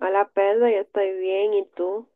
Hola Pedro, yo estoy bien, ¿y tú?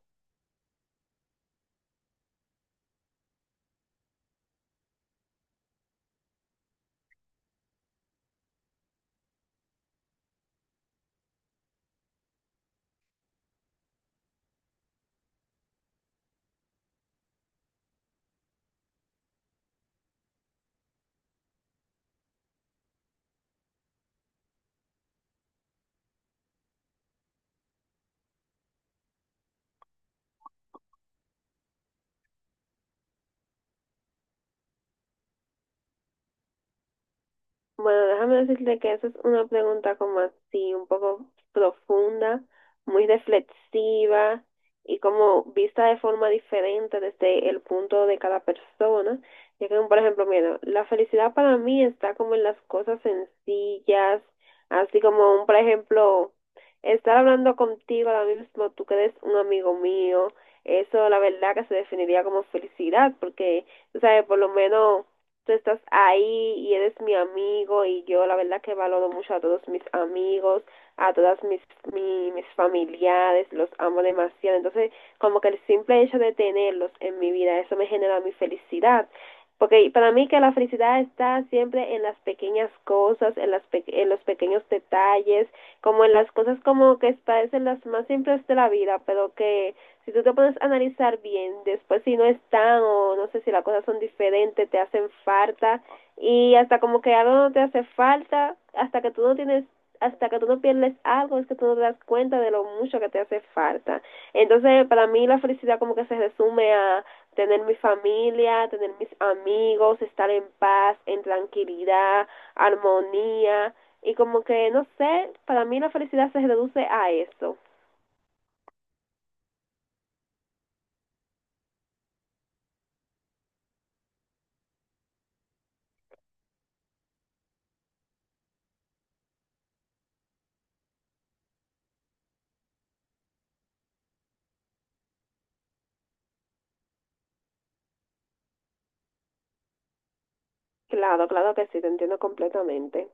Bueno, déjame decirte que esa es una pregunta como así, un poco profunda, muy reflexiva y como vista de forma diferente desde el punto de cada persona. Ya que, por ejemplo, mira, la felicidad para mí está como en las cosas sencillas, así como un, por ejemplo, estar hablando contigo ahora mismo, tú que eres un amigo mío, eso la verdad que se definiría como felicidad, porque, tú sabes, por lo menos tú estás ahí y eres mi amigo y yo la verdad que valoro mucho a todos mis amigos, a todas mis familiares, los amo demasiado. Entonces, como que el simple hecho de tenerlos en mi vida, eso me genera mi felicidad. Porque para mí que la felicidad está siempre en las pequeñas cosas, en, en los pequeños detalles, como en las cosas como que parecen las más simples de la vida, pero que si tú te puedes analizar bien, después si no están o no sé si las cosas son diferentes, te hacen falta y hasta como que algo no te hace falta, hasta que tú no pierdes algo, es que tú no te das cuenta de lo mucho que te hace falta. Entonces, para mí la felicidad como que se resume a tener mi familia, tener mis amigos, estar en paz, en tranquilidad, armonía y como que, no sé, para mí la felicidad se reduce a eso. Claro, claro que sí, te entiendo completamente.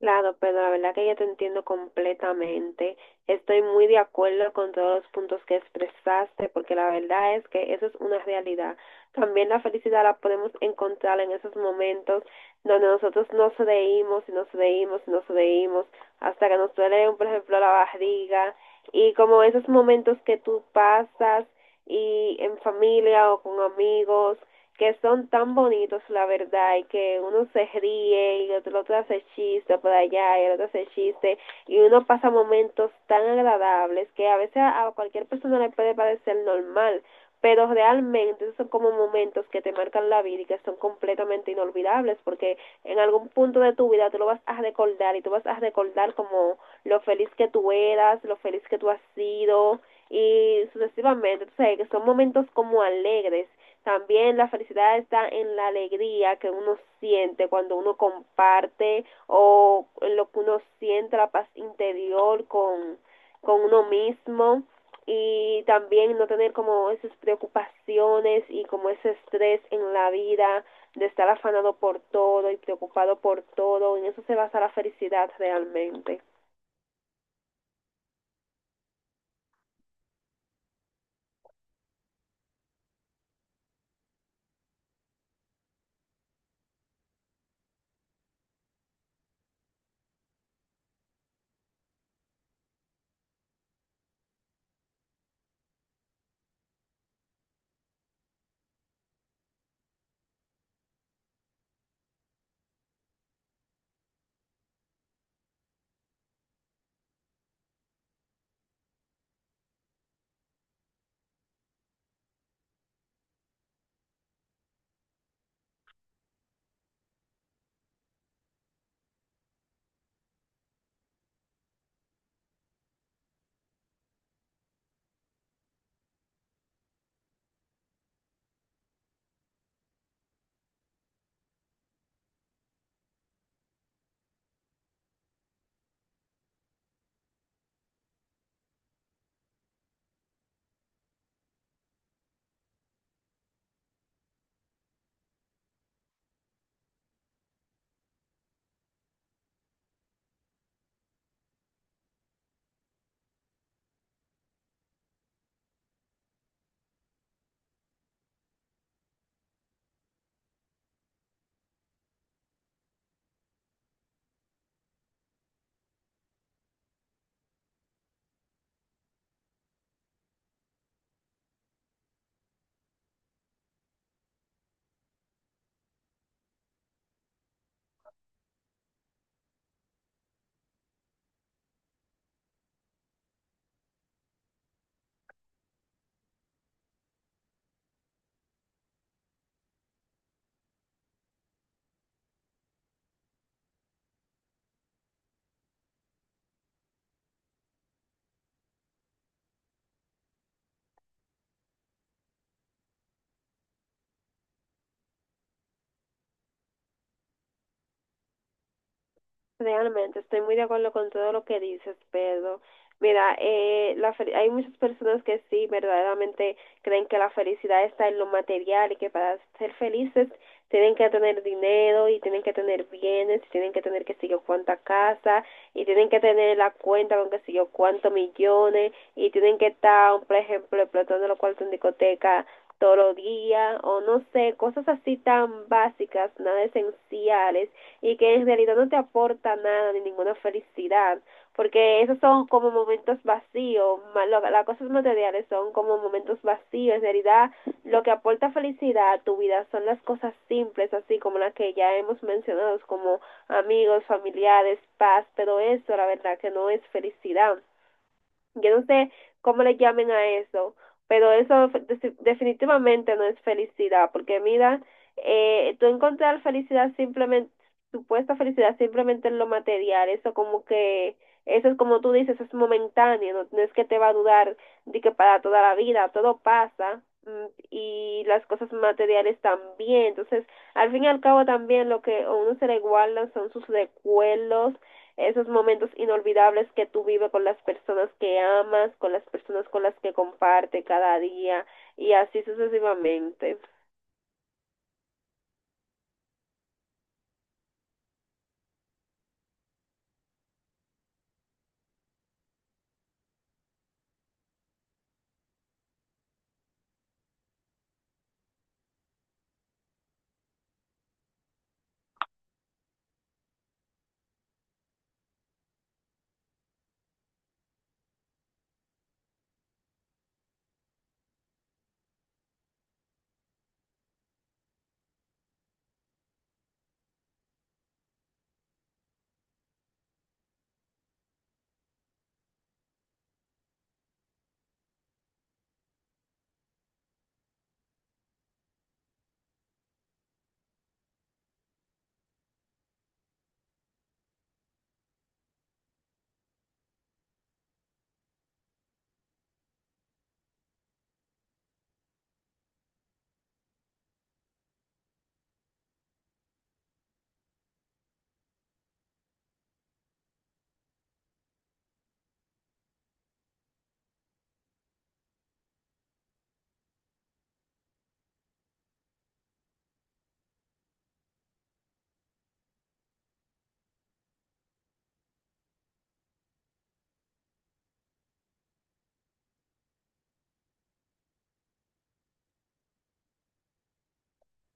Claro, pero la verdad que yo te entiendo completamente. Estoy muy de acuerdo con todos los puntos que expresaste, porque la verdad es que eso es una realidad. También la felicidad la podemos encontrar en esos momentos donde nosotros no nos reímos y nos reímos y nos reímos hasta que nos duele, por ejemplo, la barriga. Y como esos momentos que tú pasas y en familia o con amigos que son tan bonitos, la verdad, y que uno se ríe y el otro hace chiste por allá y el otro hace chiste, y uno pasa momentos tan agradables que a veces a cualquier persona le puede parecer normal, pero realmente esos son como momentos que te marcan la vida y que son completamente inolvidables porque en algún punto de tu vida tú lo vas a recordar y tú vas a recordar como lo feliz que tú eras, lo feliz que tú has sido y sucesivamente, tú sabes que son momentos como alegres. También la felicidad está en la alegría que uno siente cuando uno comparte o en lo que uno siente, la paz interior con uno mismo y también no tener como esas preocupaciones y como ese estrés en la vida de estar afanado por todo y preocupado por todo. En eso se basa la felicidad realmente. Realmente estoy muy de acuerdo con todo lo que dices, Pedro. Mira, hay muchas personas que sí, verdaderamente creen que la felicidad está en lo material y que para ser felices tienen que tener dinero y tienen que tener bienes y tienen que tener que sé yo cuánta casa y tienen que tener la cuenta con que sé yo cuántos millones y tienen que estar, por ejemplo, explotando los cuartos en discoteca todos los días o no sé, cosas así tan básicas, nada esenciales y que en realidad no te aporta nada ni ninguna felicidad, porque esos son como momentos vacíos, más las cosas materiales son como momentos vacíos, en realidad lo que aporta felicidad a tu vida son las cosas simples, así como las que ya hemos mencionado, como amigos, familiares, paz, pero eso la verdad que no es felicidad. Yo no sé cómo le llamen a eso, pero eso definitivamente no es felicidad, porque mira, tú encontrar felicidad simplemente, supuesta felicidad simplemente en lo material, eso es como tú dices, es momentáneo, no, no es que te va a durar de que para toda la vida, todo pasa. Y las cosas materiales también. Entonces, al fin y al cabo también lo que a uno se le guardan son sus recuerdos, esos momentos inolvidables que tú vives con las personas que amas, con las personas con las que comparte cada día y así sucesivamente.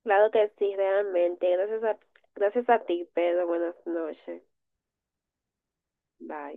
Claro que sí, realmente. Gracias a ti, Pedro. Buenas noches. Bye.